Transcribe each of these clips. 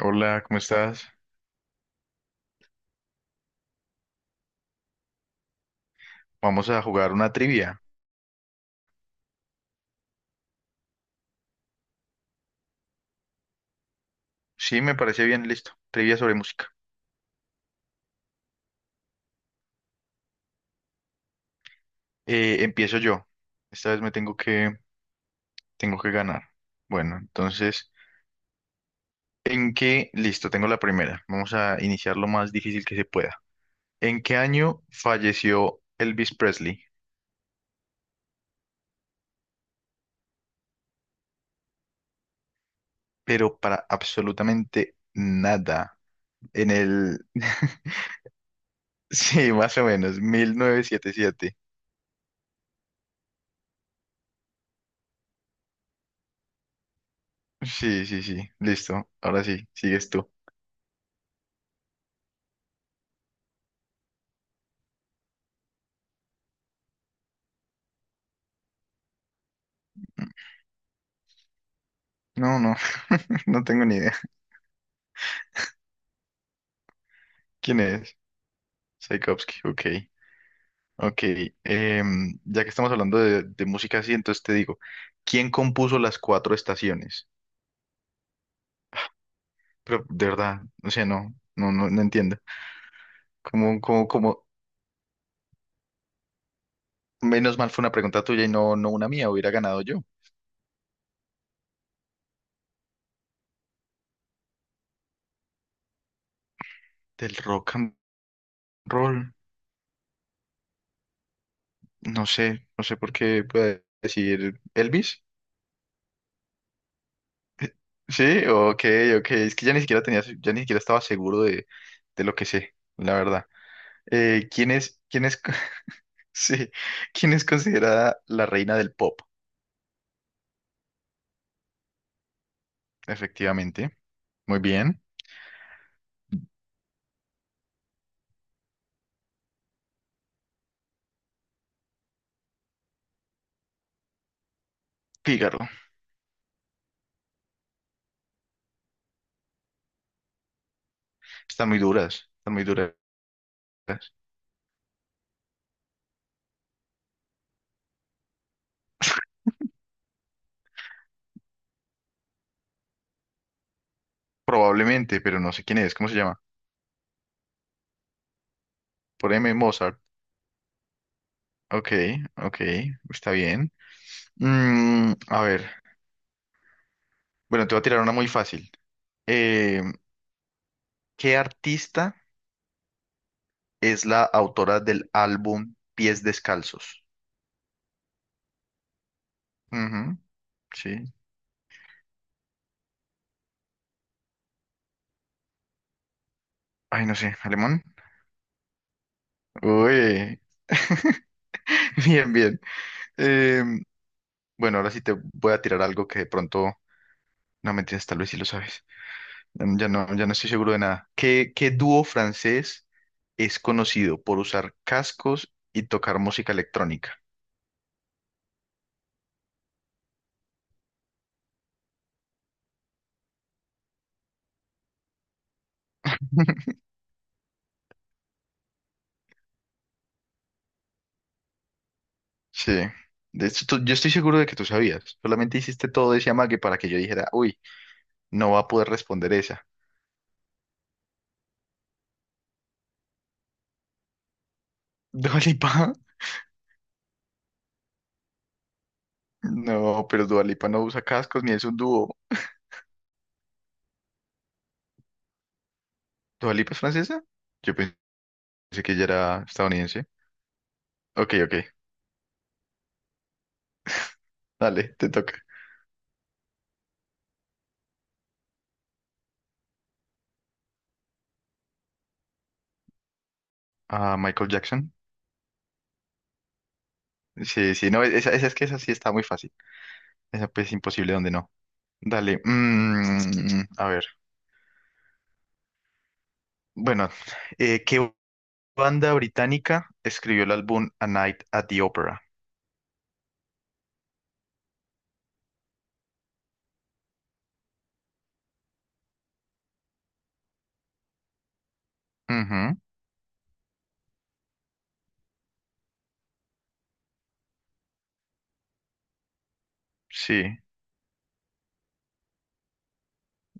Hola, ¿cómo estás? Vamos a jugar una trivia. Sí, me parece bien, listo. Trivia sobre música. Empiezo yo. Esta vez me tengo que ganar. Bueno, entonces, ¿en qué? Listo, tengo la primera. Vamos a iniciar lo más difícil que se pueda. ¿En qué año falleció Elvis Presley? Pero para absolutamente nada. En el... Sí, más o menos, 1977. Sí, sí, sí, listo. Ahora sí, sigues tú. No, no, no tengo ni idea. ¿Quién es? Tchaikovsky, ok. Ok, ya que estamos hablando de música así, entonces te digo, ¿quién compuso las cuatro estaciones? Pero de verdad, o sea, no, no, no, no entiendo. Como, como, como, Menos mal fue una pregunta tuya y no, no una mía, hubiera ganado yo. Del rock and roll, no sé por qué puede decir Elvis. Sí, ok, ok, es que ya ni siquiera tenía, ya ni siquiera estaba seguro de lo que sé, la verdad. Eh, ¿quién es, quién es, Sí, ¿quién es considerada la reina del pop? Efectivamente. Muy bien. Fígaro. Están muy duras, están muy duras. Probablemente, pero no sé quién es. ¿Cómo se llama? Por M. Mozart. Ok, ok, está bien. A ver, bueno, te voy a tirar una muy fácil. Eh, ¿Qué artista es la autora del álbum Pies Descalzos? Ujú, sí. Ay, no sé, ¿alemán? Uy. Bien, bien. Em, Bueno, ahora sí te voy a tirar algo que de pronto, no mentiras, tal vez sí lo sabes. Ya no, ya no estoy seguro de nada. ¿Qué, qué dúo francés es conocido por usar cascos y tocar música electrónica? Sí. De hecho, yo estoy seguro de que tú sabías. Solamente hiciste todo ese amague para que yo dijera, uy, no va a poder responder esa. ¿Dua Lipa? No, pero Dua Lipa no usa cascos ni es un dúo. ¿Dua Lipa es francesa? Yo pensé que ella era estadounidense. Ok, ok. Dale, te toca. Ah, Michael Jackson. Sí, sí, no, esa es que esa sí está muy fácil. Esa pues es imposible donde no. Dale, a ver. Bueno, ¿qué banda británica escribió el álbum A Night at the Opera? Ujú, sí,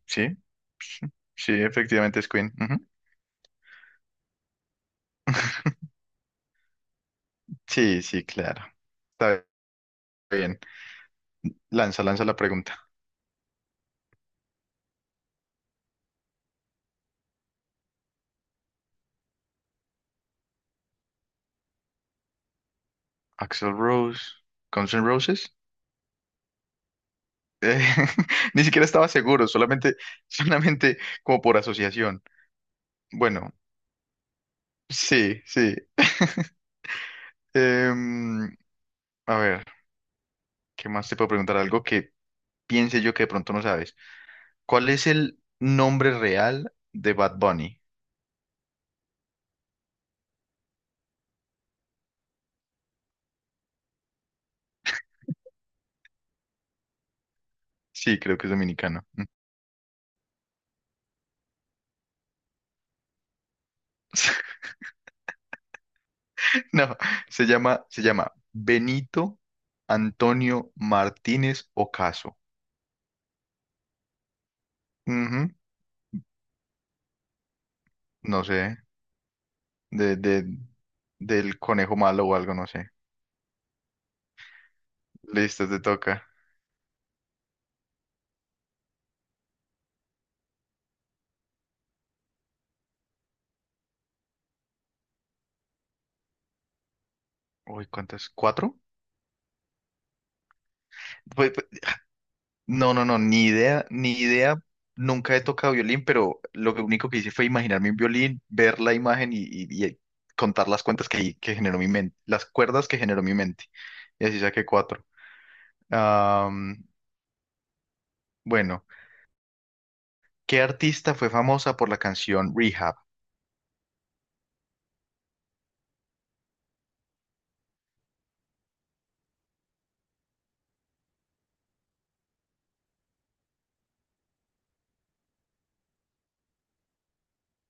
sí, sí, sí, efectivamente es Queen. Ujú. Sí, sí, claro. Está bien. Lanza, lanza la pregunta. Axel Rose, Guns N' Roses. Eh, ni siquiera estaba seguro, solamente, solamente como por asociación. Bueno, sí, sí. Em, a ver, ¿qué más te puedo preguntar? Algo que piense yo que de pronto no sabes. ¿Cuál es el nombre real de Bad Bunny? Sí, creo que es dominicano. No, se llama Benito Antonio Martínez Ocaso. Ujú, no sé, de del conejo malo o algo, no sé. Listo, te toca. Uy, ¿cuántas? ¿Cuatro? Pues no, no, no, ni idea, ni idea. Nunca he tocado violín, pero único que hice fue imaginarme un violín, ver la imagen y contar las cuentas que generó mi mente, las cuerdas que generó mi mente. Y así saqué cuatro. Am, bueno, ¿qué artista fue famosa por la canción Rehab?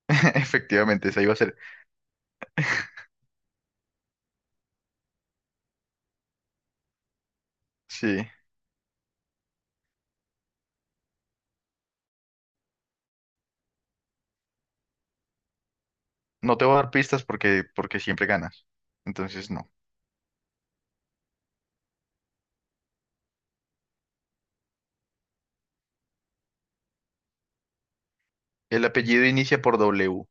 Efectivamente, esa iba a ser. Sí, no te voy a dar pistas porque, porque siempre ganas. Entonces, no. El apellido inicia por W.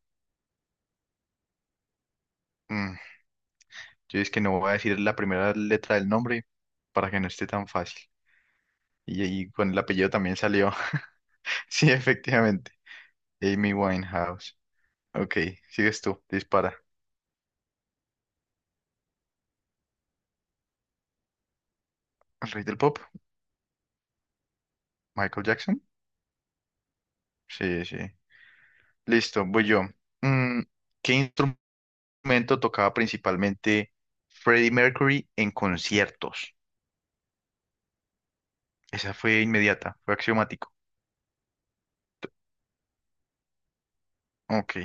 Mm, yo es que no voy a decir la primera letra del nombre para que no esté tan fácil. Y con el apellido también salió. Sí, efectivamente. Amy Winehouse. Ok, sigues tú. Dispara. ¿El rey del pop? ¿Michael Jackson? Sí, sí. Listo, voy yo. Mm, ¿Qué instrumento tocaba principalmente Freddie Mercury en conciertos? Esa fue inmediata, fue axiomático. Ok.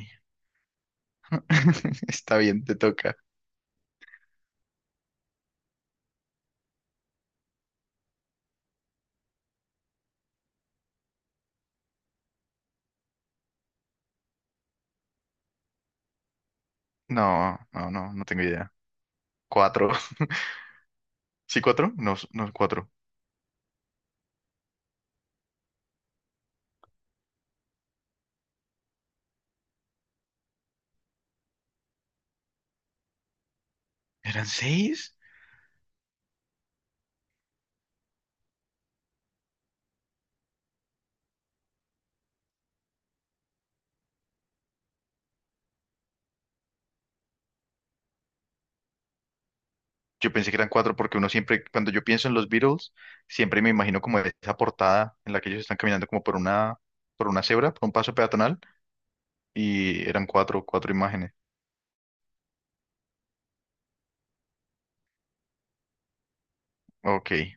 Está bien, te toca. No, no, no, no tengo idea. ¿Cuatro? ¿Sí, cuatro? No, no, cuatro. ¿Eran seis? Yo pensé que eran cuatro porque uno siempre, cuando yo pienso en los Beatles, siempre me imagino como esa portada en la que ellos están caminando como por una cebra, por un paso peatonal, y eran cuatro, cuatro imágenes. Ok.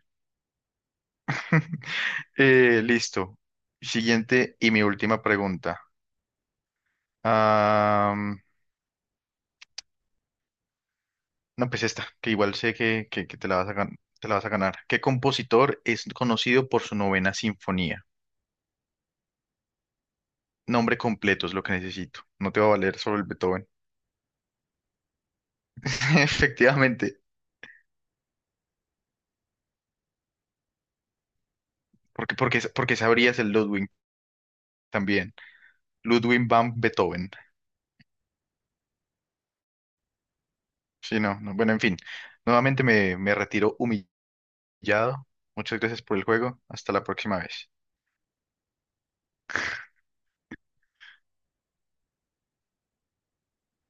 Listo. Siguiente y mi última pregunta. Am, no, pues esta, que igual sé que, que te la vas a ganar. ¿Qué compositor es conocido por su novena sinfonía? Nombre completo es lo que necesito. No te va a valer solo el Beethoven. Efectivamente. Porque, porque, porque sabrías el Ludwig también. Ludwig van Beethoven. Sí, no, no, bueno, en fin. Nuevamente me retiro humillado. Muchas gracias por el juego. Hasta la próxima vez.